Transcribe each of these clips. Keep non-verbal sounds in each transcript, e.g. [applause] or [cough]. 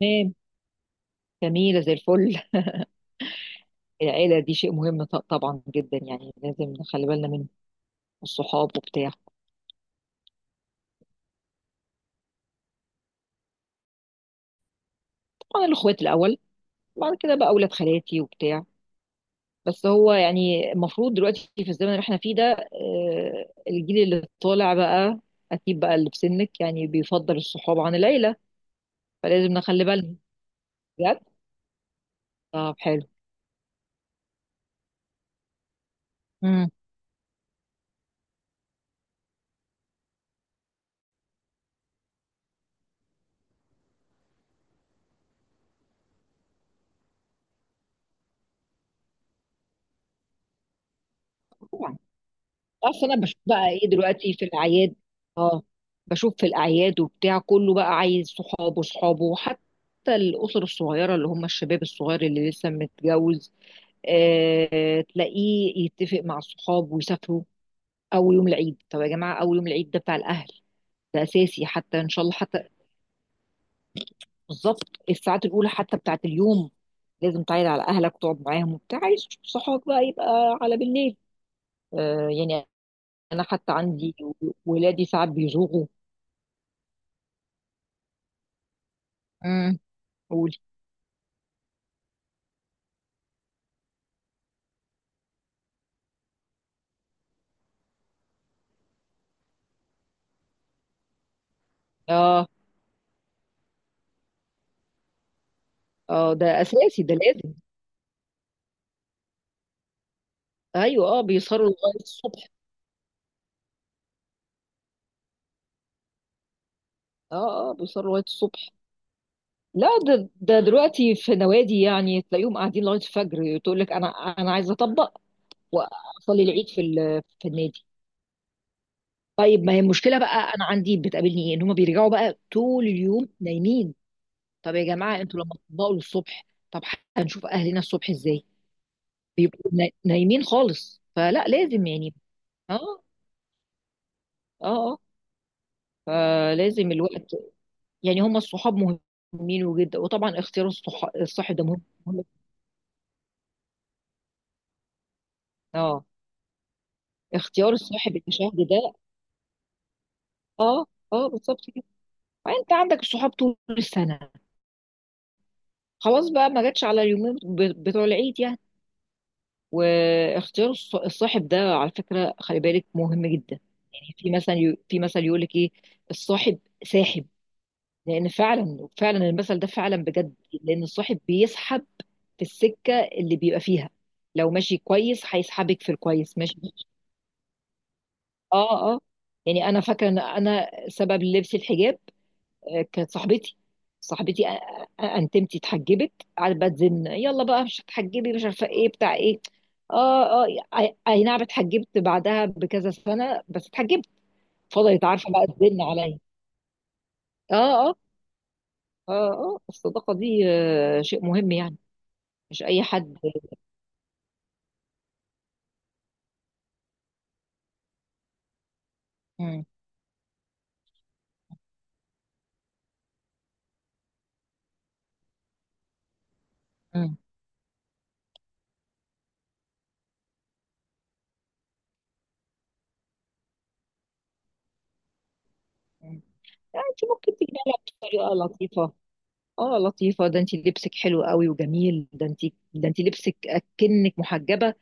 تمام. جميلة زي الفل. العيلة دي شيء مهم، طبعا جدا، يعني لازم نخلي بالنا منه، الصحاب وبتاع. طبعا الأخوات الأول، بعد كده بقى أولاد خالاتي وبتاع. بس هو يعني المفروض دلوقتي في الزمن اللي احنا فيه ده، الجيل اللي طالع بقى. أكيد بقى اللي في سنك يعني بيفضل الصحاب عن العيلة، فلازم نخلي بالنا بجد. طب حلو. مم. اصل انا بشوف بقى ايه دلوقتي في الاعياد. اه. بشوف في الاعياد وبتاع كله بقى عايز صحابه صحابه، وحتى الاسر الصغيره اللي هم الشباب الصغير اللي لسه متجوز، آه تلاقيه يتفق مع الصحاب ويسافروا اول يوم العيد. طب يا جماعه، اول يوم العيد ده بتاع الاهل. ده اساسي، حتى ان شاء الله، حتى بالظبط الساعات الاولى حتى بتاعت اليوم لازم تعيد على اهلك وتقعد معاهم وبتاع. عايز صحابك بقى يبقى على بالليل. آه يعني. انا حتى عندي ولادي ساعات بيزوغوا. قولي. اه اه، ده اساسي، ده لازم. ايوه، اه بيسهروا لغايه الصبح. اه اه بيسهروا لغايه الصبح. لا، ده ده دلوقتي في نوادي، يعني تلاقيهم قاعدين لغايه الفجر. تقول لك انا انا عايزه اطبق واصلي العيد في في النادي. طيب، ما هي المشكله بقى. انا عندي بتقابلني ايه، ان هم بيرجعوا بقى طول اليوم نايمين. طب يا جماعه، انتوا لما تطبقوا للصبح، طب هنشوف اهلنا الصبح ازاي. نايمين خالص، فلا، لازم يعني. اه اه اه. فلازم الوقت، يعني هم الصحاب مهمين جدا، وطبعا اختيار الصاحب ده مهم. مهم. اه، اختيار الصاحب المشاهد ده. اه اه، بالظبط كده. انت عندك صحاب طول السنه، خلاص بقى، ما جاتش على اليومين بتوع العيد يعني. واختيار الصاحب ده، على فكره خلي بالك مهم جدا. يعني في مثلا، في مثل يقول لك ايه، الصاحب ساحب. لان فعلا فعلا المثل ده فعلا بجد، لان الصاحب بيسحب في السكه اللي بيبقى فيها. لو ماشي كويس هيسحبك في الكويس ماشي. اه اه. يعني انا فاكره ان انا سبب لبس الحجاب، كانت صاحبتي، صاحبتي انتمتي اتحجبت. قعدت بقى تزن، يلا بقى مش هتحجبي، مش عارفه ايه بتاع ايه. اه اه. اي أي نعم، اتحجبت بعدها بكذا سنه، بس اتحجبت. فضلت عارفه بقى تزن عليا. اه اه. اه اه، الصداقه دي شيء مهم يعني. مش اي حد. مم. مم. مم. يعني انت ممكن تجيبها لها بطريقه لطيفه. اه لطيفة، ده انتي لبسك حلو قوي وجميل، ده انتي، ده انتي لبسك اكنك محجبة،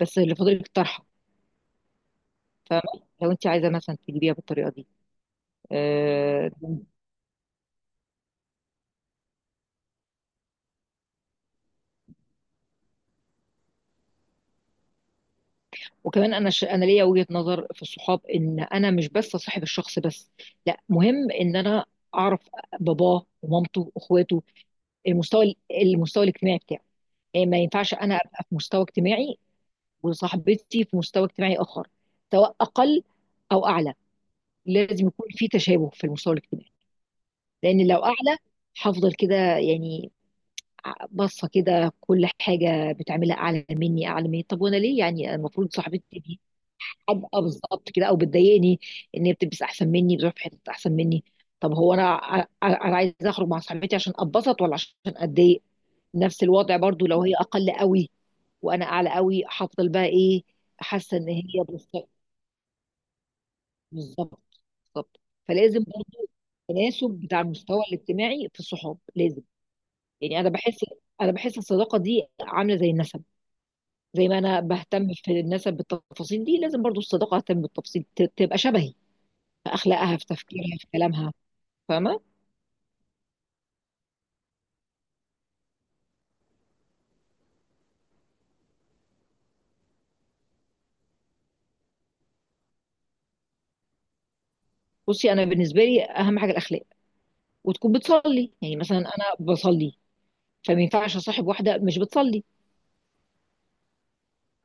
بس اللي فاضلك طرحة. فاهمة، لو انتي عايزة مثلا تجيبيها بالطريقة دي. آه. وكمان انا انا ليا وجهة نظر في الصحاب، ان انا مش بس صاحب الشخص بس، لا، مهم ان انا اعرف باباه ومامته واخواته، المستوى المستوى الاجتماعي بتاعه. يعني ما ينفعش انا ابقى في مستوى اجتماعي وصاحبتي في مستوى اجتماعي اخر، سواء اقل او اعلى. لازم يكون في تشابه في المستوى الاجتماعي. لان لو اعلى، هفضل كده يعني، باصه كده كل حاجه بتعملها اعلى مني اعلى مني. طب وانا ليه يعني، المفروض صاحبتي دي ابقى بالظبط كده، او بتضايقني ان هي بتلبس احسن مني، بتروح في حته احسن مني. طب هو انا انا عايزه اخرج مع صاحبتي عشان اتبسط ولا عشان اتضايق. نفس الوضع برضو لو هي اقل قوي وانا اعلى قوي، هفضل بقى ايه، حاسه ان هي بالظبط. بالظبط. بالظبط. فلازم برضو تناسب بتاع المستوى الاجتماعي في الصحاب، لازم يعني. انا بحس، انا بحس الصداقه دي عامله زي النسب. زي ما انا بهتم في النسب بالتفاصيل دي، لازم برضو الصداقه اهتم بالتفاصيل تبقى شبهي في اخلاقها، في تفكيرها، في كلامها. فاهمه. بصي، انا بالنسبه لي اهم حاجه الاخلاق. وتكون بتصلي، يعني مثلا انا بصلي، فما ينفعش اصاحب واحده مش بتصلي.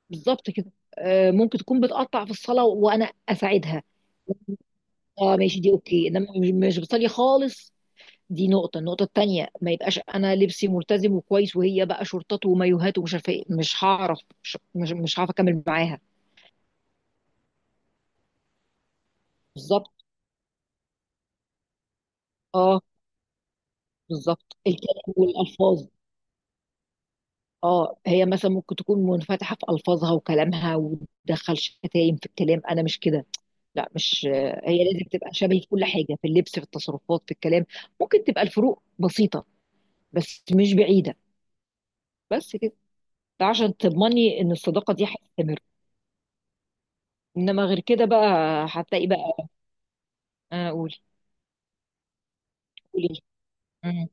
بالظبط كده. ممكن تكون بتقطع في الصلاه وانا اساعدها. اه ماشي، دي اوكي، انما مش بتصلي خالص. دي نقطة. النقطة التانية، ما يبقاش أنا لبسي ملتزم وكويس، وهي بقى شورتات ومايوهات ومش عارفة إيه. مش هعرف، مش هعرف أكمل معاها. بالظبط. أه. بالظبط، الكلام والألفاظ. أه، هي مثلا ممكن تكون منفتحة في ألفاظها وكلامها وتدخل شتايم في الكلام، أنا مش كده. لا، مش. هي لازم تبقى شبهي في كل حاجة، في اللبس، في التصرفات، في الكلام. ممكن تبقى الفروق بسيطة بس مش بعيدة. بس كده، ده عشان تضمني إن الصداقة دي هتستمر، إنما غير كده بقى هتلاقي بقى. أقول. قولي. امم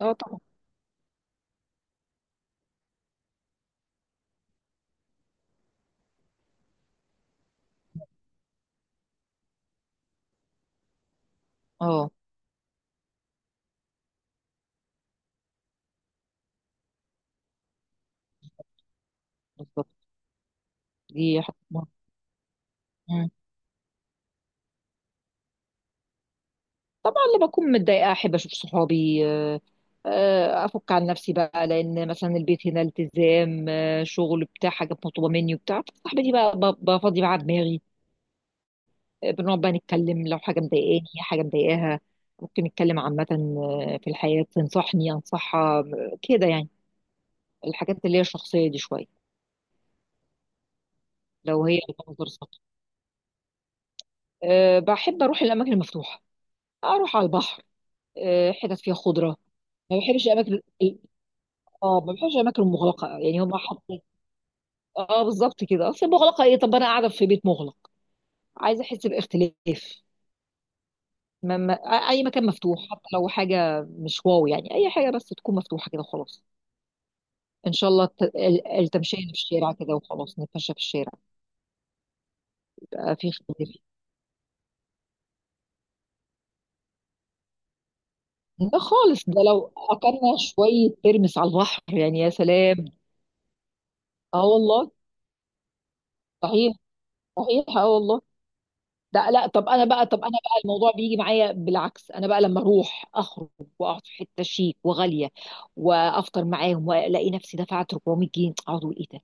اه طبعا. اه بالظبط، دي حاجة مهمة. مم. طبعا لما اكون متضايقه احب اشوف صحابي، افك عن نفسي بقى، لان مثلا البيت هنا التزام، شغل بتاع، حاجه مطلوبه مني وبتاع. صاحبتي بقى بفضي معاها دماغي، بنقعد بقى نتكلم، لو حاجه مضايقاني حاجه مضايقاها. ممكن نتكلم عامه في الحياه، تنصحني انصحها، كده يعني، الحاجات اللي هي الشخصيه دي شويه. لو هي منظر سطحي، أه بحب اروح الاماكن المفتوحه، اروح على البحر، حتت فيها خضره. ما بحبش الاماكن ال- اه، ما بحبش الاماكن المغلقه، يعني هم حاطين. اه بالظبط كده. اصل مغلقه ايه، طب انا قاعده في بيت مغلق، عايزه احس باختلاف. ما اي مكان مفتوح، حتى لو حاجه مش واو، يعني اي حاجه بس تكون مفتوحه كده خلاص. ان شاء الله التمشيه اللي في الشارع كده، وخلاص نتمشى في الشارع، يبقى في اختلاف. ده خالص، ده لو اكلنا شويه ترمس على البحر يعني يا سلام. اه والله. صحيح. صحيح اه والله. ده لا، طب انا بقى، طب انا بقى الموضوع بيجي معايا بالعكس. انا بقى لما اروح اخرج واقعد في حته شيك وغاليه وافطر معاهم، والاقي نفسي دفعت 400 جنيه، اقعد اقول ايه ده،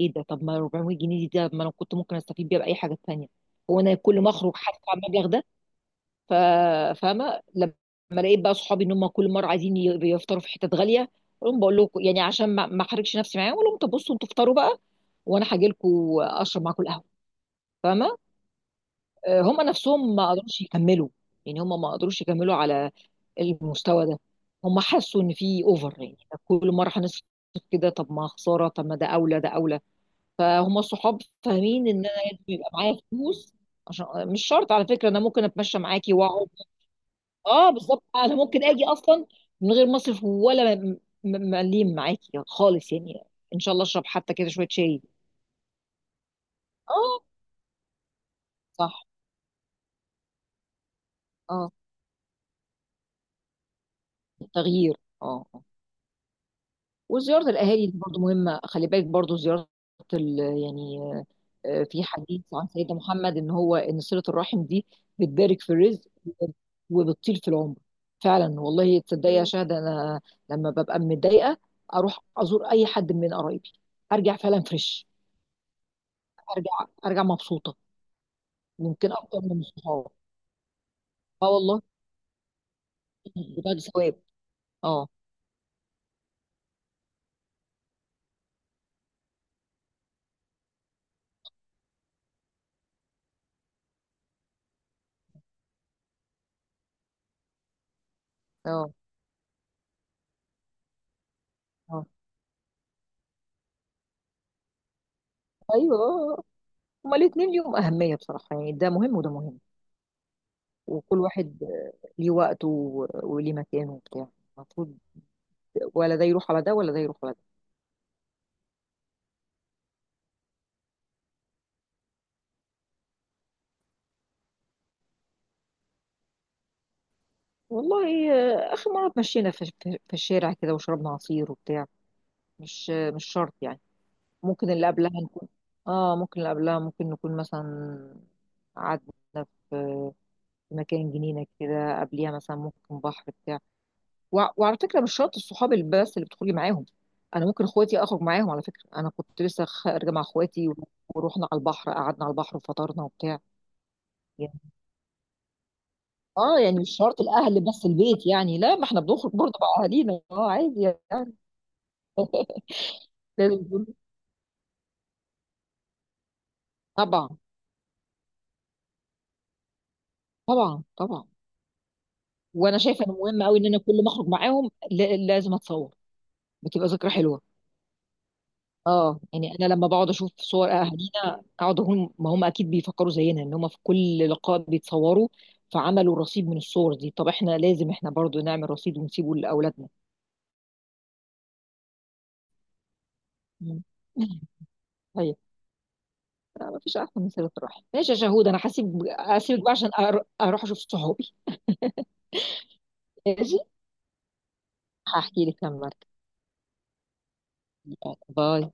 ايه ده. طب ما 400 جنيه دي، ده ما انا كنت ممكن استفيد بيها باي حاجه تانيه. هو انا كل ما اخرج هدفع المبلغ ده. ف-. فاهمه لما لقيت بقى صحابي ان هم كل مره عايزين يفطروا في حتت غاليه، اقول لهم بقول لكم يعني، عشان ما احرجش نفسي معاهم، اقول لهم طب بصوا انتوا افطروا بقى وانا هاجي لكم اشرب معاكم القهوه. فاهمه. هم نفسهم ما قدروش يكملوا، يعني هم ما قدروش يكملوا على المستوى ده. هم حسوا ان في اوفر، يعني طب كل مره هنصرف كده، طب ما خساره، طب ما ده اولى، ده اولى. فهم الصحاب فاهمين ان انا لازم يبقى معايا فلوس عشان، مش شرط على فكره، انا ممكن اتمشى معاكي واقعد. اه بالظبط، انا ممكن اجي اصلا من غير مصرف ولا مليم معاكي خالص يعني. ان شاء الله اشرب حتى كده شويه شاي. اه. صح. اه. تغيير. اه. وزيارة الأهالي دي برضو مهمة، خلي بالك، برضو زيارة ال، يعني، في حديث عن سيدنا محمد، إن هو إن صلة الرحم دي بتبارك في الرزق وبتطيل في العمر. فعلا والله، تصدقي يا شهد، أنا لما ببقى متضايقة أروح أزور أي حد من قرايبي، أرجع فعلا فريش، أرجع مبسوطة. ممكن أكتر من الصحاب. أه والله، بتاع ثواب. أه. أه. أه. أيوه، هما الاتنين ليهم أهمية بصراحة، يعني ده مهم وده مهم، وكل واحد ليه وقته، و- وليه مكانه وبتاع. المفروض ولا ده يروح على ده، ولا ده يروح على ده. والله، آخر مرة اتمشينا في الشارع كده وشربنا عصير وبتاع. مش، مش شرط يعني. ممكن اللي قبلها نكون، اه ممكن اللي قبلها ممكن نكون مثلا قعدنا في مكان جنينة كده، قبليها مثلا ممكن بحر بتاع وعلى فكره مش شرط الصحاب اللي بس اللي بتخرجي معاهم، انا ممكن اخواتي اخرج معاهم. على فكره انا كنت لسه خارجه مع اخواتي، ورحنا على البحر، قعدنا على البحر وفطرنا وبتاع. يعني اه، يعني مش شرط الاهل بس البيت، يعني لا، ما احنا بنخرج برضه مع اهالينا اه عادي يعني. [laughs] لازم يكون-. طبعا. طبعا طبعا. وانا شايفه انه مهم قوي، ان انا كل ما اخرج معاهم لازم اتصور، بتبقى ذكرى حلوه. اه يعني انا لما بقعد اشوف صور اهالينا، اقعد اقول ما هم اكيد بيفكروا زينا، ان هم في كل لقاء بيتصوروا، فعملوا رصيد من الصور دي. طب احنا لازم احنا برضو نعمل رصيد ونسيبه لاولادنا. مم. [laughs] طيب، ما فيش احسن من صله الرحم. ماشي يا شهود، انا هسيبك بقى عشان اروح اشوف صحابي. ماشي، هحكي لك لما أرجع. باي.